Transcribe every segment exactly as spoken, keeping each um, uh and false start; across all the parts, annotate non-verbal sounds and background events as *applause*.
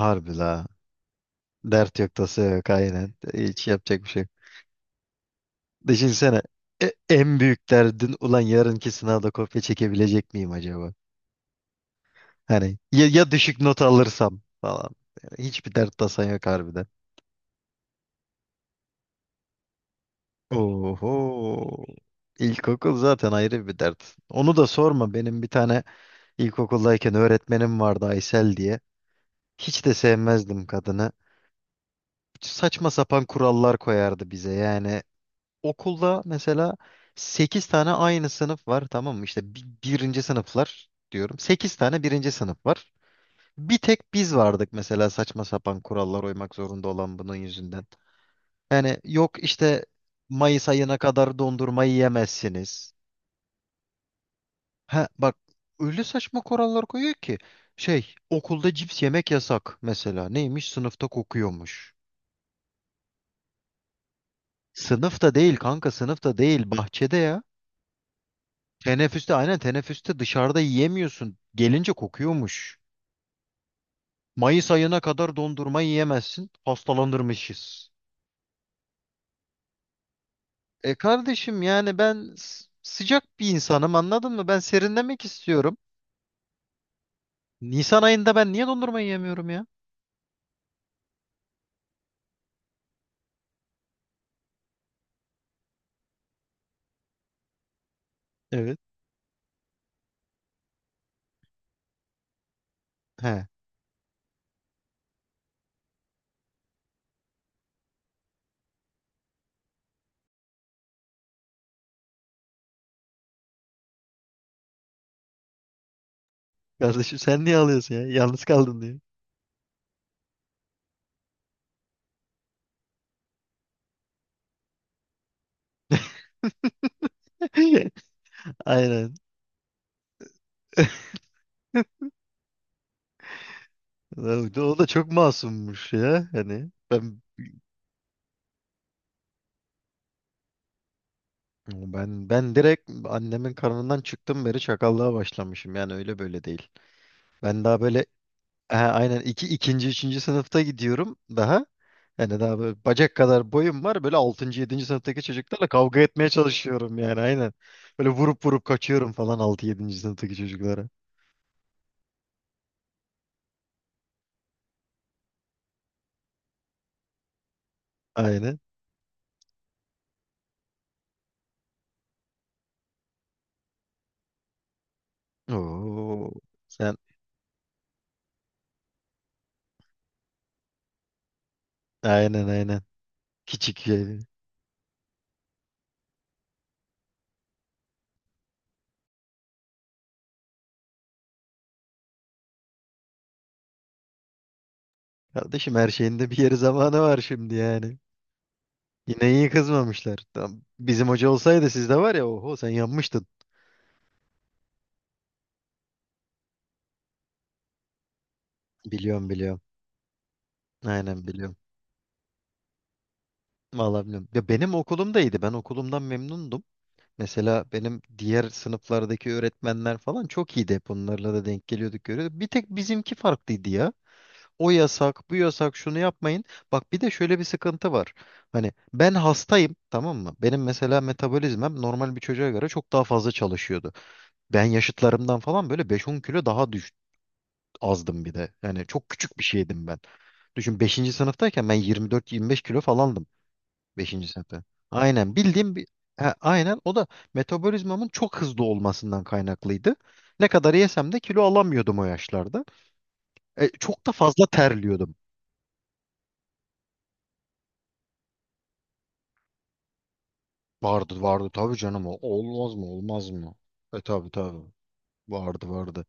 Harbi la. Dert yok, tasa yok, aynen. Hiç yapacak bir şey yok. Düşünsene e- en büyük derdin ulan yarınki sınavda kopya çekebilecek miyim acaba? Hani ya, ya düşük not alırsam falan. Yani hiçbir dert tasan yok harbiden. Oho. İlkokul zaten ayrı bir dert. Onu da sorma. Benim bir tane ilkokuldayken öğretmenim vardı Aysel diye. Hiç de sevmezdim kadını. Saçma sapan kurallar koyardı bize yani. Okulda mesela sekiz tane aynı sınıf var, tamam mı? İşte bi- birinci sınıflar diyorum. Sekiz tane birinci sınıf var. Bir tek biz vardık mesela saçma sapan kurallar uymak zorunda olan bunun yüzünden. Yani yok işte, Mayıs ayına kadar dondurma yiyemezsiniz. Ha bak, öyle saçma kurallar koyuyor ki şey, okulda cips yemek yasak mesela. Neymiş, sınıfta kokuyormuş. Sınıfta değil kanka, sınıfta değil, bahçede ya. Teneffüste, aynen, teneffüste dışarıda yiyemiyorsun. Gelince kokuyormuş. Mayıs ayına kadar dondurma yiyemezsin. Hastalanırmışız. E kardeşim, yani ben s- sıcak bir insanım, anladın mı? Ben serinlemek istiyorum. Nisan ayında ben niye dondurma yiyemiyorum ya? Evet. He. Kardeşim sen niye alıyorsun ya? Yalnız kaldın diye. *laughs* Aynen. Lan, o da çok masummuş ya. Hani ben, ben ben direkt annemin karnından çıktım beri çakallığa başlamışım. Yani öyle böyle değil. Ben daha böyle, ha, aynen, iki, ikinci, üçüncü sınıfta gidiyorum daha. Yani daha böyle bacak kadar boyum var. Böyle altıncı, yedinci sınıftaki çocuklarla kavga etmeye çalışıyorum, yani aynen. Böyle vurup vurup kaçıyorum falan altı, yedinci sınıftaki çocuklara. Aynen. Oo, sen, aynen aynen. Küçük şey. Kardeşim her şeyin de bir yeri zamanı var şimdi yani. Yine iyi kızmamışlar. Tam bizim hoca olsaydı, sizde var ya, oho sen yanmıştın. Biliyorum, biliyorum. Aynen, biliyorum. Vallahi bilmiyorum. Ya benim okulum da, ben okulumdan memnundum. Mesela benim diğer sınıflardaki öğretmenler falan çok iyiydi. Hep onlarla da denk geliyorduk, görüyorduk. Bir tek bizimki farklıydı ya. O yasak, bu yasak, şunu yapmayın. Bak, bir de şöyle bir sıkıntı var. Hani ben hastayım, tamam mı? Benim mesela metabolizmam normal bir çocuğa göre çok daha fazla çalışıyordu. Ben yaşıtlarımdan falan böyle beş on kilo daha düş azdım bir de. Yani çok küçük bir şeydim ben. Düşün, beşinci sınıftayken ben yirmi dört yirmi beş kilo falandım. Beşinci sınıfta. Aynen, bildiğim bir ha, aynen o da metabolizmamın çok hızlı olmasından kaynaklıydı. Ne kadar yesem de kilo alamıyordum o yaşlarda. E, çok da fazla terliyordum. Vardı vardı, tabii canım, o- olmaz mı, olmaz mı? E tabii tabii, vardı vardı.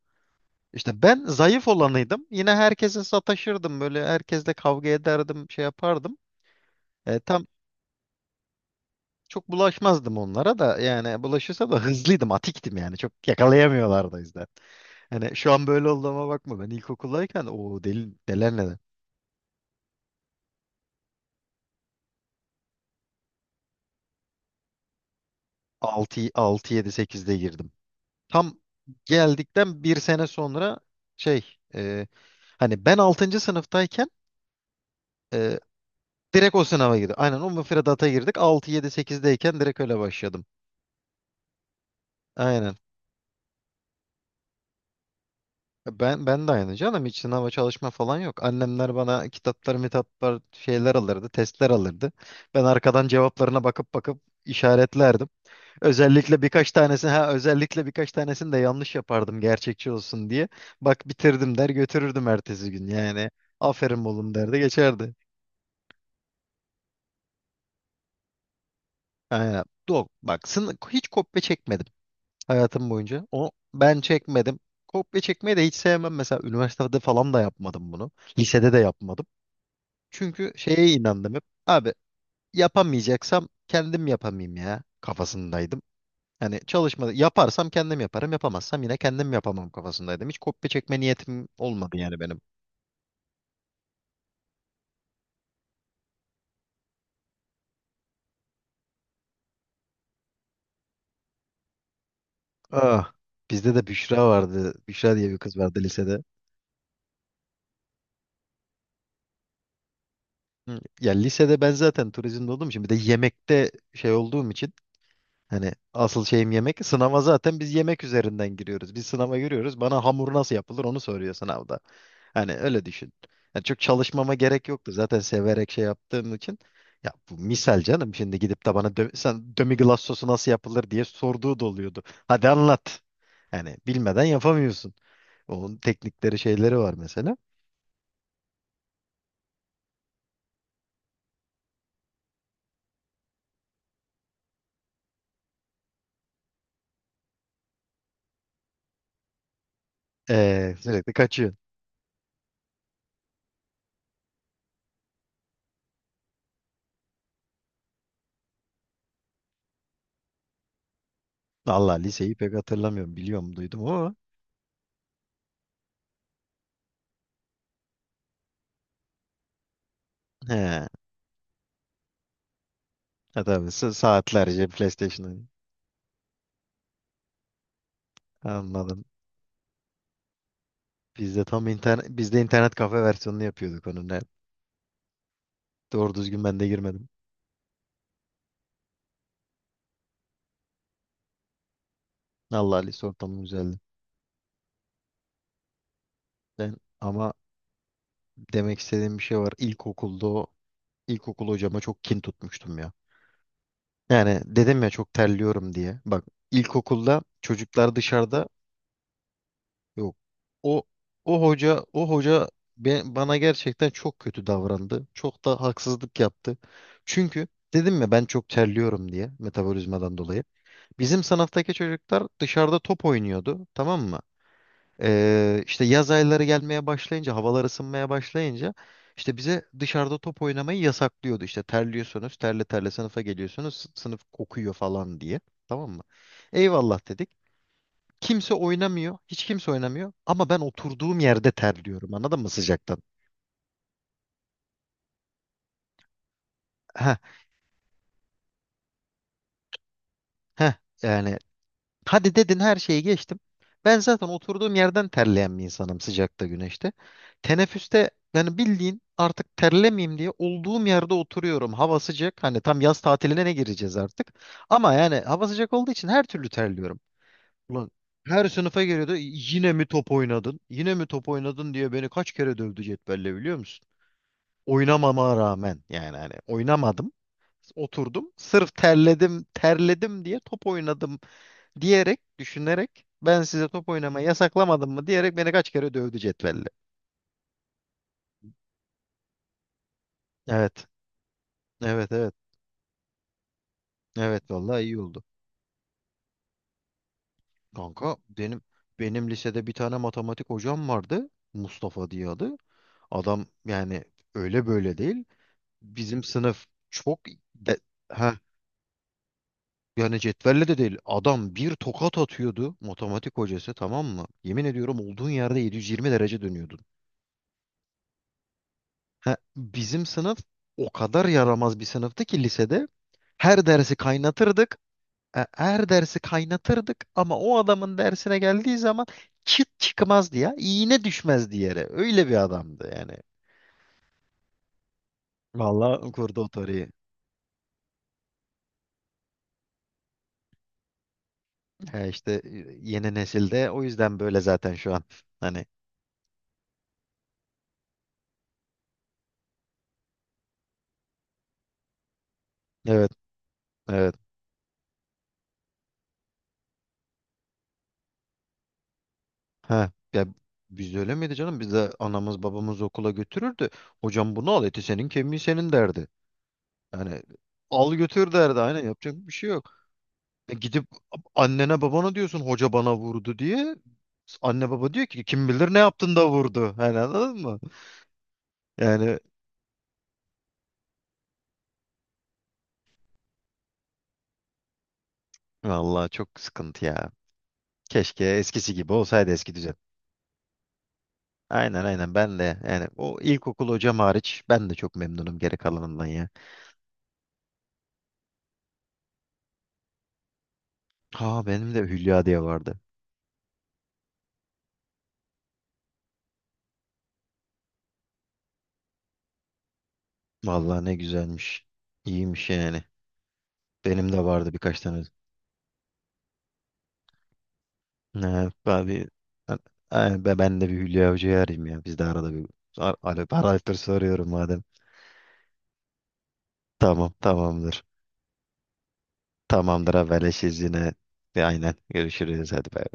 İşte ben zayıf olanıydım. Yine herkese sataşırdım, böyle herkesle kavga ederdim, şey yapardım. E, tam, çok bulaşmazdım onlara da, yani bulaşırsa da hızlıydım, atiktim yani. Çok yakalayamıyorlardı o yüzden. Hani şu an böyle olduğuma bakma. Ben ilkokuldayken o deli, neler neler. 6 6 yedi sekizde girdim. Tam geldikten bir sene sonra, şey, e, hani ben altıncı sınıftayken, e, direkt o sınava girdim. Aynen o müfredata girdik. altı yedi sekizdeyken direkt öyle başladım. Aynen. Ben ben de aynı canım, hiç sınava çalışma falan yok. Annemler bana kitaplar, mitaplar, şeyler alırdı, testler alırdı. Ben arkadan cevaplarına bakıp bakıp işaretlerdim. Özellikle birkaç tanesini, ha, özellikle birkaç tanesini de yanlış yapardım gerçekçi olsun diye. Bak, bitirdim der götürürdüm ertesi gün yani. Aferin oğlum derdi, geçerdi. Aynen. Yok bak, sını hiç kopya çekmedim hayatım boyunca. O, ben çekmedim. Kopya çekmeyi de hiç sevmem. Mesela üniversitede falan da yapmadım bunu. Lisede de yapmadım. Çünkü şeye inandım hep. Abi yapamayacaksam kendim yapamayayım ya kafasındaydım. Hani çalışma yaparsam kendim yaparım, yapamazsam yine kendim yapamam kafasındaydım. Hiç kopya çekme niyetim olmadı yani benim. Ah, bizde de Büşra vardı. Büşra diye bir kız vardı lisede. Hı, ya lisede ben zaten turizmde olduğum için, bir de yemekte şey olduğum için, hani asıl şeyim yemek. Sınava zaten biz yemek üzerinden giriyoruz. Biz sınava giriyoruz. Bana hamur nasıl yapılır onu soruyor sınavda. Hani öyle düşün. Yani çok çalışmama gerek yoktu. Zaten severek şey yaptığım için. Ya bu misal canım. Şimdi gidip de bana dö- sen dömiglas sosu nasıl yapılır diye sorduğu da oluyordu. Hadi anlat. Yani bilmeden yapamıyorsun. Onun teknikleri, şeyleri var mesela. Ee, sürekli kaçıyorsun. Allah, liseyi pek hatırlamıyorum. Biliyorum, duydum ama. He. Ha, tabii, sa- saatlerce PlayStation oynuyor. Anladım. Biz de tam internet, biz de internet kafe versiyonunu yapıyorduk onun. Evet. Doğru düzgün ben de girmedim. Allah, lise ortamı güzeldi. Ben ama demek istediğim bir şey var. İlkokulda o ilkokul hocama çok kin tutmuştum ya. Yani dedim ya çok terliyorum diye. Bak, ilkokulda çocuklar dışarıda yok. O o hoca o hoca be- bana gerçekten çok kötü davrandı. Çok da haksızlık yaptı. Çünkü dedim ya ben çok terliyorum diye, metabolizmadan dolayı. Bizim sınıftaki çocuklar dışarıda top oynuyordu, tamam mı? Ee, işte yaz ayları gelmeye başlayınca, havalar ısınmaya başlayınca, işte bize dışarıda top oynamayı yasaklıyordu. İşte terliyorsunuz, terle terle sınıfa geliyorsunuz, sı- sınıf kokuyor falan diye. Tamam mı? Eyvallah dedik. Kimse oynamıyor, hiç kimse oynamıyor, ama ben oturduğum yerde terliyorum. Anladın mı sıcaktan? Heh, heh. Yani hadi dedin, her şeyi geçtim. Ben zaten oturduğum yerden terleyen bir insanım sıcakta, güneşte. Teneffüste yani bildiğin artık terlemeyeyim diye olduğum yerde oturuyorum. Hava sıcak. Hani tam yaz tatiline ne gireceğiz artık. Ama yani hava sıcak olduğu için her türlü terliyorum. Ulan, her sınıfa geliyordu. Yine mi top oynadın? Yine mi top oynadın diye beni kaç kere dövdü cetvelle, biliyor musun? Oynamama rağmen, yani hani oynamadım. Oturdum. Sırf terledim, terledim diye top oynadım diyerek, düşünerek, ben size top oynamayı yasaklamadım mı diyerek beni kaç kere dövdü cetvelle. Evet. Evet, evet. Evet, vallahi iyi oldu. Kanka benim, benim lisede bir tane matematik hocam vardı. Mustafa diye adı. Adam yani öyle böyle değil. Bizim sınıf çok de, ha yani cetvelle de değil. Adam bir tokat atıyordu matematik hocası, tamam mı? Yemin ediyorum olduğun yerde yedi yüz yirmi derece dönüyordun. Ha, bizim sınıf o kadar yaramaz bir sınıftı ki lisede. Her dersi kaynatırdık. E, her dersi kaynatırdık ama o adamın dersine geldiği zaman çıt çıkmazdı ya. İğne düşmezdi yere. Öyle bir adamdı yani. Vallahi kurdu o toruyu. Ha işte, e, yeni nesilde o yüzden böyle zaten şu an. Hani evet, evet. Ha ya, biz öyle miydi canım? Biz de anamız babamız okula götürürdü. Hocam bunu al, eti senin kemiği senin derdi. Yani al götür derdi, aynen, yapacak bir şey yok. E gidip annene babana diyorsun hoca bana vurdu diye. Anne baba diyor ki kim bilir ne yaptın da vurdu. Yani anladın mı? Yani vallahi çok sıkıntı ya. Keşke eskisi gibi olsaydı eski düzen. Aynen aynen, ben de yani, o ilkokul hocam hariç ben de çok memnunum geri kalanından ya. Ha benim de Hülya diye vardı. Vallahi ne güzelmiş. İyiymiş yani. Benim de vardı birkaç tane. Evet, abi ben, ay, be- ben de bir Hülya Hoca'yı arayayım ya. Biz de arada bir ar- alo, arayıp soruyorum madem. Tamam, tamamdır. Tamamdır, haberleşiriz yine. Ve aynen, görüşürüz hadi, bay.